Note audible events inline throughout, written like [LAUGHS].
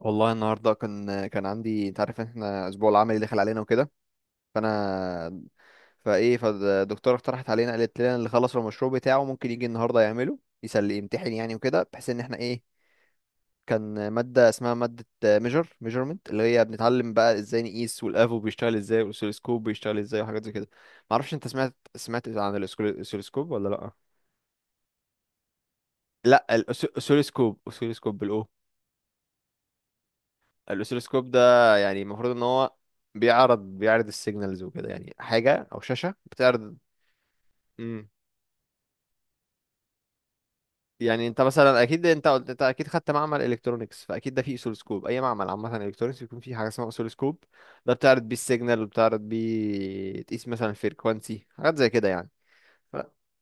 والله النهارده كان عندي، انت عارف ان احنا الاسبوع العملي دخل علينا وكده. فانا فايه فالدكتوره اقترحت علينا، قالت لنا اللي خلص المشروع بتاعه ممكن يجي النهارده يعمله يسلي يمتحن يعني وكده، بحيث ان احنا ايه كان ماده اسمها ماده ميجر ميجرمنت اللي هي بنتعلم بقى ازاي نقيس، والافو بيشتغل ازاي والاسلسكوب بيشتغل ازاي وحاجات زي كده. معرفش انت سمعت عن الاسلسكوب ولا لا. لا، الاسلسكوب اسلسكوب بالأو. الاسلسكوب ده يعني المفروض ان هو بيعرض السيجنالز وكده، يعني حاجه او شاشه بتعرض. امم، يعني انت مثلا اكيد انت قلت انت اكيد خدت معمل الكترونكس، فاكيد ده فيه اسلسكوب. اي معمل عامه الكترونكس بيكون فيه حاجه اسمها اسلسكوب. ده بتعرض بيه السيجنال وبتعرض بيه تقيس مثلا الفريكوانسي حاجات زي كده يعني. ف-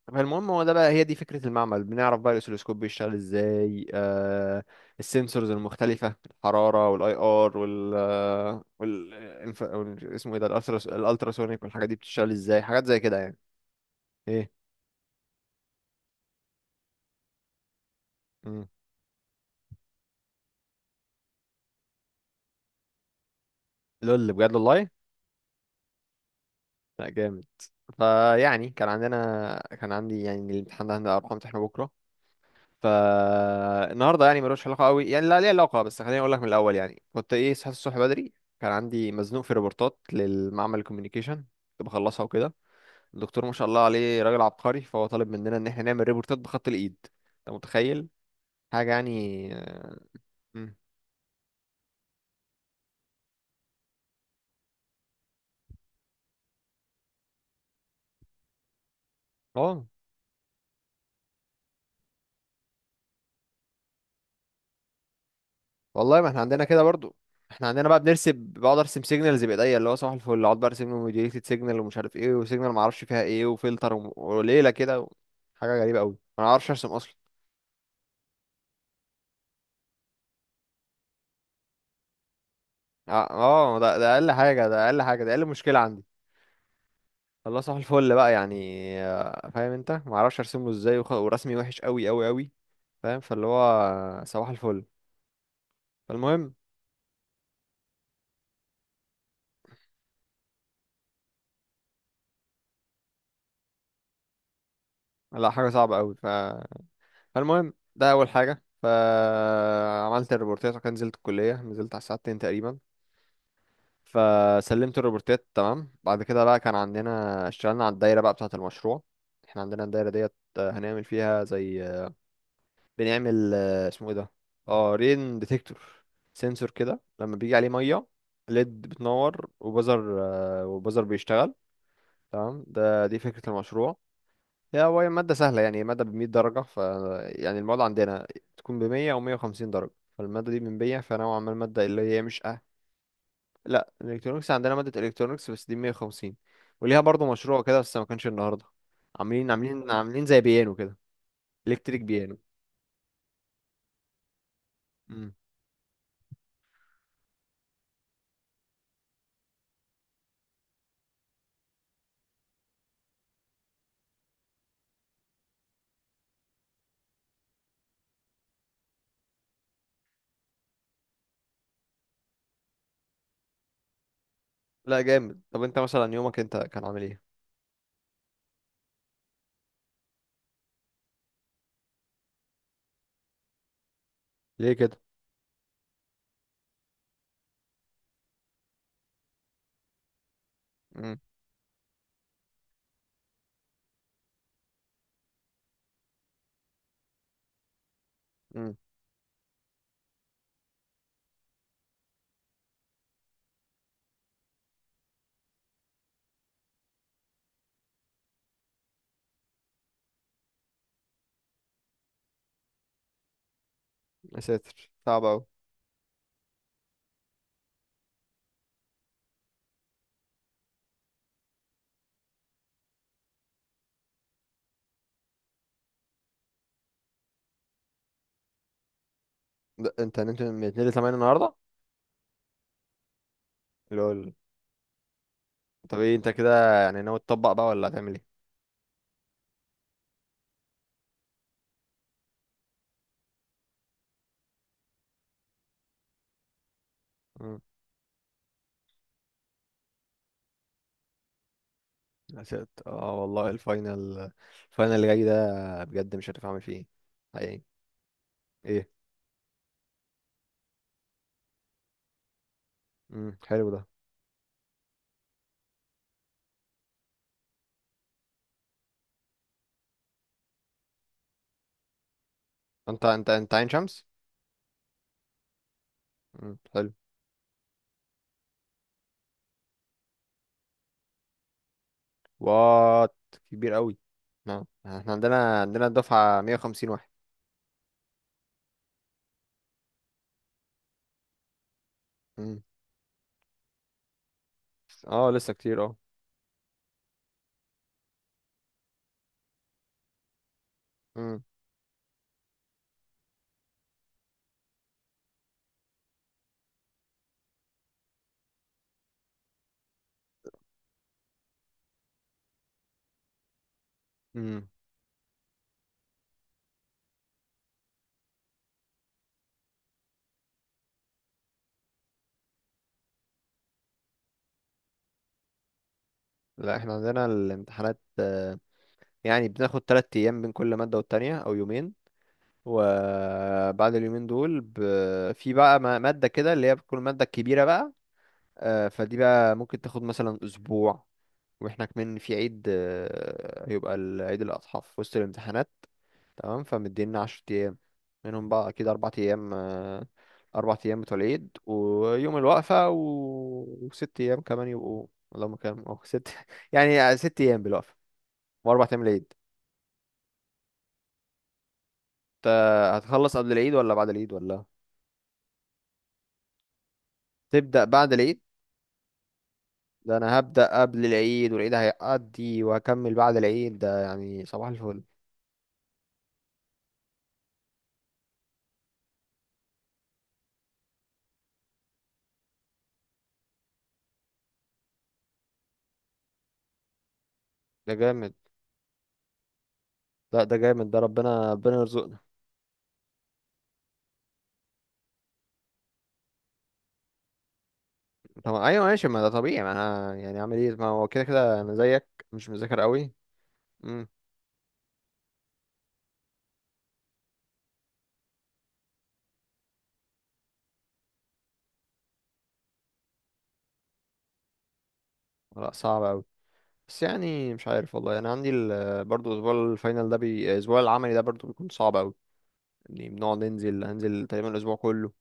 فالمهم هو ده بقى، هي دي فكرة المعمل. بنعرف بقى الأسيلوسكوب بيشتغل ازاي. السنسورز المختلفة، الحرارة والاي ار اسمه ايه ده، الالتراسونيك والحاجات دي بتشتغل ازاي، حاجات زي كده يعني. ايه مم. لول، بجد والله. لا، جامد. فيعني كان عندي يعني الامتحان ده هنبقى اروح امتحانه بكرة. فالنهارده يعني ملوش علاقه قوي، يعني لا ليه علاقه، بس خليني اقول لك من الاول يعني، كنت ايه صحيت الصبح بدري. كان عندي مزنوق في ريبورتات للمعمل الكوميونيكيشن، كنت بخلصها وكده. الدكتور ما شاء الله عليه راجل عبقري، فهو طالب مننا ان احنا نعمل ريبورتات بخط الايد. انت متخيل؟ حاجه يعني اه. مم. آه، والله ما احنا عندنا كده برضو. احنا عندنا بقى بنرسم، بقعد ارسم سيجنالز بايديا اللي هو صباح الفل، اقعد بقى ارسم له موديليتد سيجنال ومش عارف ايه وسيجنال ما اعرفش فيها ايه وفلتر وليله كده. حاجه غريبه قوي، انا ما اعرفش ارسم اصلا. اه ده اقل حاجه ده اقل حاجه ده اقل مشكله عندي. الله صح الفل بقى يعني. فاهم انت ما اعرفش ارسم له ازاي، ورسمي وحش قوي قوي قوي، فاهم، فاللي هو صباح الفل. فالمهم لا حاجه صعبه قوي ف... فالمهم ده اول حاجه. فعملت الريبورتات وكان نزلت الكليه، نزلت على الساعه 2 تقريبا. فسلمت الريبورتات تمام. بعد كده بقى كان عندنا اشتغلنا على الدايره بقى بتاعه المشروع. احنا عندنا الدايره ديت، هنعمل فيها زي بنعمل، اسمه ايه ده، اه رين ديتكتور، سنسور كده لما بيجي عليه ميه ليد بتنور وبزر، وبزر بيشتغل. تمام، ده دي فكرة المشروع. هي هو مادة سهلة، يعني مادة بمية درجة. ف يعني المواد عندنا تكون بمية أو مية وخمسين درجة. فالمادة دي من مية، فنوعا ما المادة اللي هي مش أه. لا، الإلكترونيكس عندنا مادة إلكترونيكس بس دي مية وخمسين، وليها برضه مشروع كده بس ما كانش النهاردة. عاملين زي بيانو كده، إلكتريك بيانو. مم. لا، جامد. طب انت مثلا يومك انت كان عامل ايه؟ ليه كده؟ امم. امم، يا ساتر، صعب قوي. انت نمت من 2 ل 8 النهارده؟ لول. طب ايه انت كده يعني ناوي تطبق بقى ولا هتعمل ايه؟ امم. يا ساتر اه، والله الفاينل، الفاينل اللي جاي ده بجد مش عارف اعمل فيه ايه. حقيقي. ايه؟ امم، حلو ده. انت عين شمس؟ امم، حلو. وات، كبير قوي. نعم، احنا عندنا الدفعه 150 واحد. امم، اه لسه كتير اه. امم. لا، احنا عندنا الامتحانات، يعني بناخد تلات ايام بين كل مادة والتانية او يومين. وبعد اليومين دول ب... في بقى مادة كده اللي هي بتكون المادة الكبيرة بقى. فدي بقى ممكن تاخد مثلا اسبوع. واحنا كمان في عيد، هيبقى عيد الاضحى في وسط الامتحانات. تمام، فمدينا عشر ايام. منهم بقى اكيد اربع ايام، اربع ايام بتوع العيد ويوم الوقفة و... وست ايام كمان يبقوا، اللهم كام اه ست. [LAUGHS] يعني ست ايام بالوقفة واربع ايام العيد. انت هتخلص قبل العيد ولا بعد العيد ولا؟ تبدأ بعد العيد. ده انا هبدأ قبل العيد والعيد هيقضي وهكمل بعد العيد، ده يعني صباح الفل. ده جامد. لا، ده جامد، ده ربنا ربنا يرزقنا. طب ايوه ماشي، ما ده طبيعي، ما انا يعني اعمل ايه، ما هو كده كده انا زيك، مش مذاكر قوي. امم. لا، صعب قوي، بس يعني مش عارف والله. انا عندي برضو اسبوع الفاينل ده بي... الاسبوع العملي ده برضو بيكون صعب قوي. يعني بنقعد ننزل، هنزل تقريبا الاسبوع كله،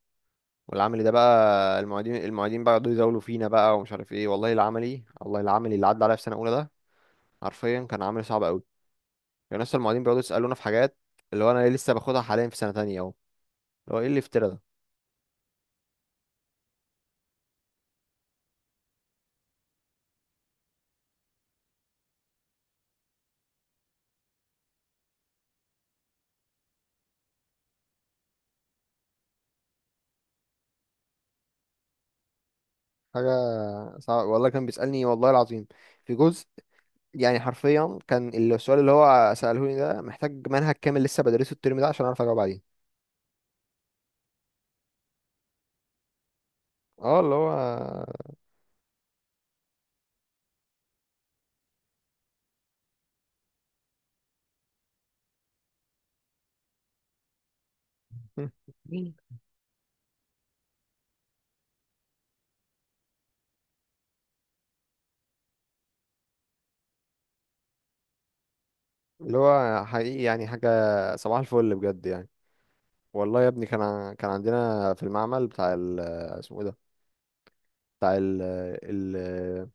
والعملي ده بقى المعيدين بقى يقعدوا يزاولوا فينا بقى، ومش عارف ايه والله. العملي والله العملي اللي عدى عليا في سنه اولى ده حرفيا كان عملي صعب قوي. يعني لسه المعيدين بيقعدوا يسالونا في حاجات اللي هو انا ليه لسه باخدها حاليا في سنه تانية اهو، اللي هو ايه اللي افترى ده. حاجه، صعب والله، كان بيسالني والله العظيم في جزء يعني. حرفيا كان السؤال اللي هو ساله لي ده محتاج منهج كامل لسه بدرسه الترم ده عشان اعرف اجاوب عليه. اه اللي هو، [LAUGHS] اللي هو حقيقي يعني حاجه، صباح الفل بجد يعني. والله يا ابني كان عندنا في المعمل بتاع ال آه، اسمه ايه ده، بتاع ال آه، ال آه،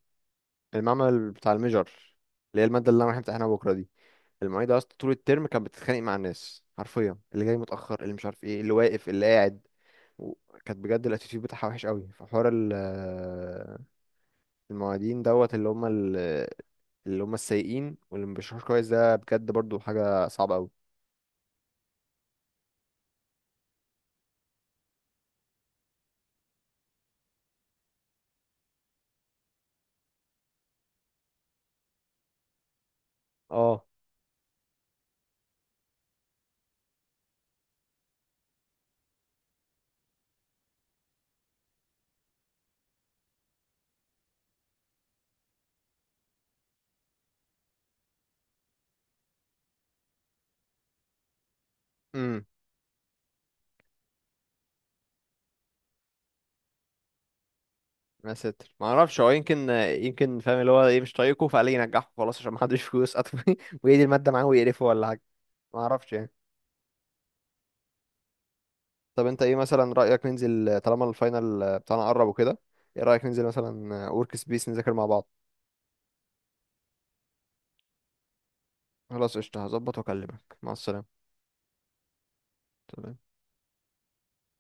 المعمل بتاع الميجر، اللي هي المادة اللي انا رايح امتحنها بكرة دي. المعيدة اصلا طول الترم كانت بتتخانق مع الناس حرفيا، اللي جاي متأخر اللي مش عارف ايه اللي واقف اللي قاعد و- كانت بجد الاتيتيود بتاعها وحش قوي. فحوار ال آه، المعيدين دوت اللي هم اللي هم السيئين واللي ما بيشرحوش كويس، ده بجد برضو حاجة صعبة قوي. اه، ما ستر ما اعرفش، هو يمكن يمكن فاهم اللي هو ايه مش طايقه فقال لي ينجحه خلاص عشان ما حدش فلوس [LAUGHS] قطمي ويدي الماده معاه ويقرفه ولا حاجه، ما اعرفش يعني. طب انت ايه مثلا رايك ننزل طالما الفاينل بتاعنا قرب وكده؟ ايه رايك ننزل مثلا ورك سبيس نذاكر مع بعض؟ خلاص قشطه، هظبط واكلمك. مع السلامه. تمام.